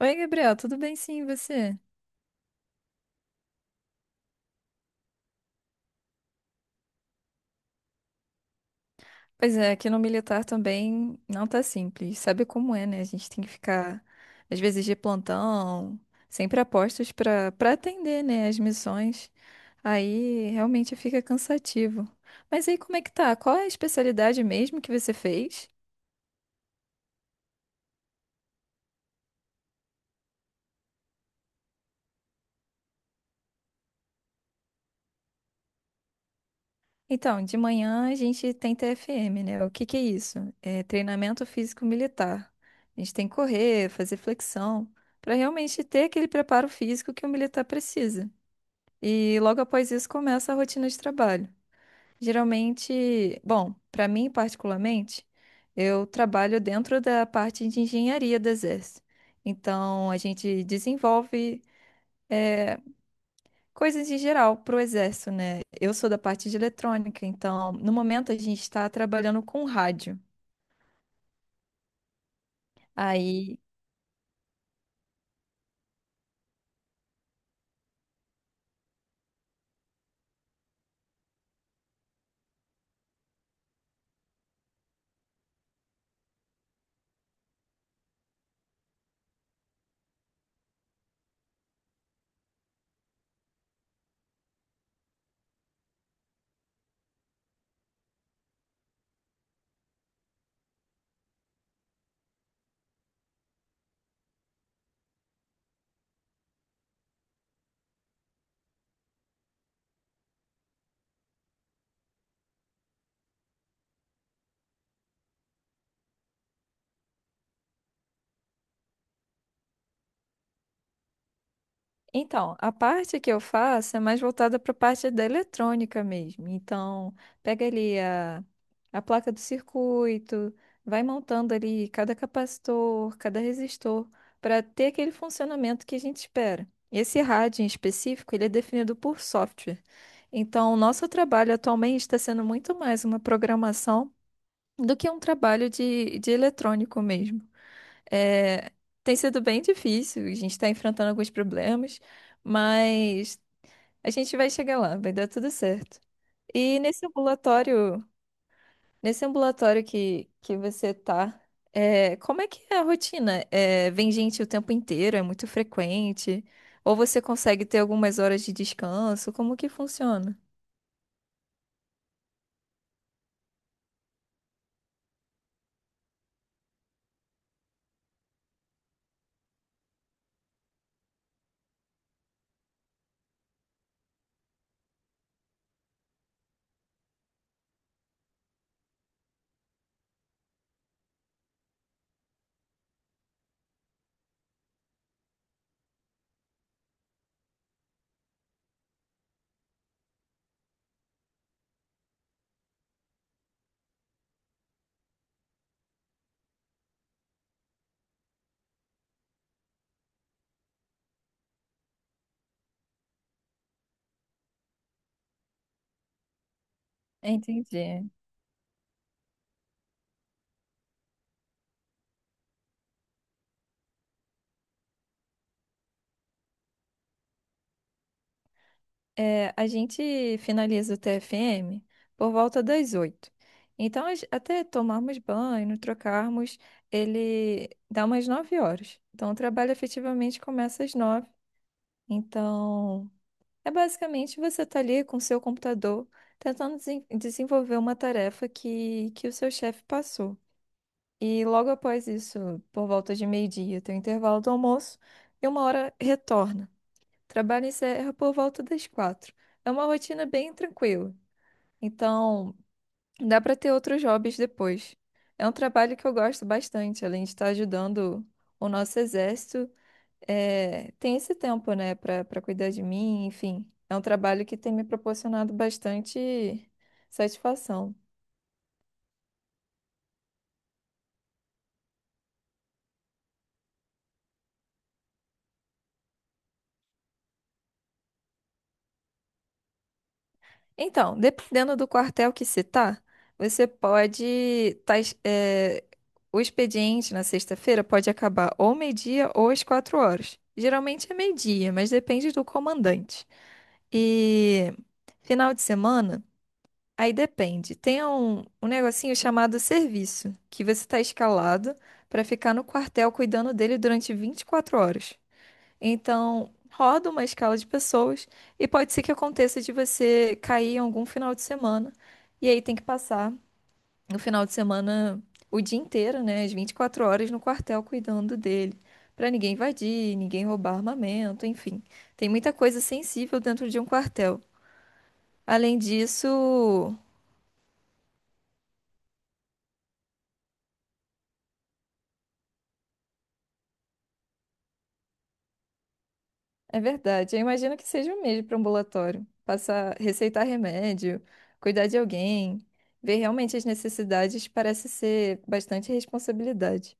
Oi, Gabriel, tudo bem sim, e você? Pois é, aqui no militar também não tá simples. Sabe como é, né? A gente tem que ficar, às vezes, de plantão, sempre a postos pra para atender, né, as missões. Aí realmente fica cansativo. Mas aí como é que tá? Qual é a especialidade mesmo que você fez? Então, de manhã a gente tem TFM, né? O que que é isso? É treinamento físico militar. A gente tem que correr, fazer flexão, pra realmente ter aquele preparo físico que o militar precisa. E logo após isso começa a rotina de trabalho. Geralmente, bom, para mim particularmente, eu trabalho dentro da parte de engenharia do Exército. Então, a gente desenvolve eh, coisas em geral para o Exército, né? Eu sou da parte de eletrônica, então, no momento, a gente está trabalhando com rádio. Aí. Então, a parte que eu faço é mais voltada para a parte da eletrônica mesmo. Então, pega ali a placa do circuito, vai montando ali cada capacitor, cada resistor, para ter aquele funcionamento que a gente espera. Esse rádio em específico, ele é definido por software. Então, o nosso trabalho atualmente está sendo muito mais uma programação do que um trabalho de eletrônico mesmo. É, tem sido bem difícil, a gente está enfrentando alguns problemas, mas a gente vai chegar lá, vai dar tudo certo. E nesse ambulatório, que você tá, é, como é que é a rotina? É, vem gente o tempo inteiro, é muito frequente? Ou você consegue ter algumas horas de descanso? Como que funciona? Entendi. É, a gente finaliza o TFM por volta das oito. Então, até tomarmos banho, trocarmos, ele dá umas nove horas. Então, o trabalho efetivamente começa às nove. Então, é basicamente você tá ali com o seu computador tentando desenvolver uma tarefa que o seu chefe passou. E logo após isso, por volta de meio-dia, tem o intervalo do almoço e uma hora retorna. Trabalho encerra por volta das quatro. É uma rotina bem tranquila, então dá para ter outros hobbies depois. É um trabalho que eu gosto bastante, além de estar ajudando o nosso exército, é, tem esse tempo, né, para cuidar de mim, enfim. É um trabalho que tem me proporcionado bastante satisfação. Então, dependendo do quartel que se tá, você pode. O expediente na sexta-feira pode acabar ou meio-dia ou às quatro horas. Geralmente é meio-dia, mas depende do comandante. E final de semana, aí depende. Tem um negocinho chamado serviço, que você está escalado para ficar no quartel cuidando dele durante 24 horas. Então, roda uma escala de pessoas e pode ser que aconteça de você cair em algum final de semana. E aí tem que passar no final de semana o dia inteiro, né? As 24 horas no quartel cuidando dele. Pra ninguém invadir, ninguém roubar armamento, enfim. Tem muita coisa sensível dentro de um quartel. Além disso. É verdade. Eu imagino que seja o mesmo para um ambulatório. Passar, receitar remédio, cuidar de alguém, ver realmente as necessidades parece ser bastante responsabilidade.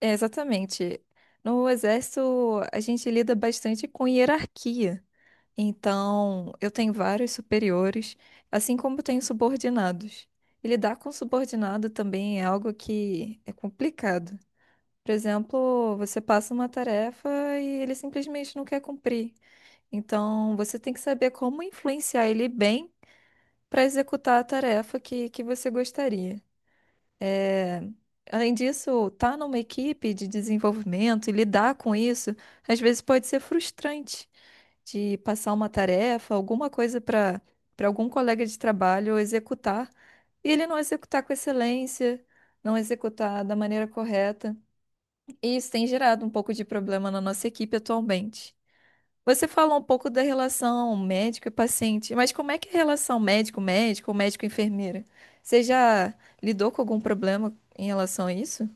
É, exatamente. No exército, a gente lida bastante com hierarquia. Então, eu tenho vários superiores, assim como tenho subordinados. E lidar com subordinado também é algo que é complicado. Por exemplo, você passa uma tarefa e ele simplesmente não quer cumprir. Então, você tem que saber como influenciar ele bem para executar a tarefa que você gostaria. É, além disso, estar numa equipe de desenvolvimento e lidar com isso, às vezes pode ser frustrante de passar uma tarefa, alguma coisa para algum colega de trabalho executar e ele não executar com excelência, não executar da maneira correta. E isso tem gerado um pouco de problema na nossa equipe atualmente. Você falou um pouco da relação médico e paciente, mas como é que é a relação médico-médico ou médico-enfermeira? Você já lidou com algum problema em relação a isso?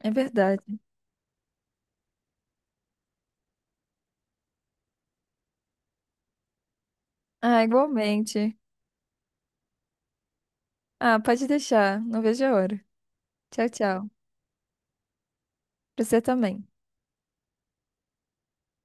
É verdade. Ah, igualmente. Ah, pode deixar. Não vejo a hora. Tchau, tchau. Pra você também.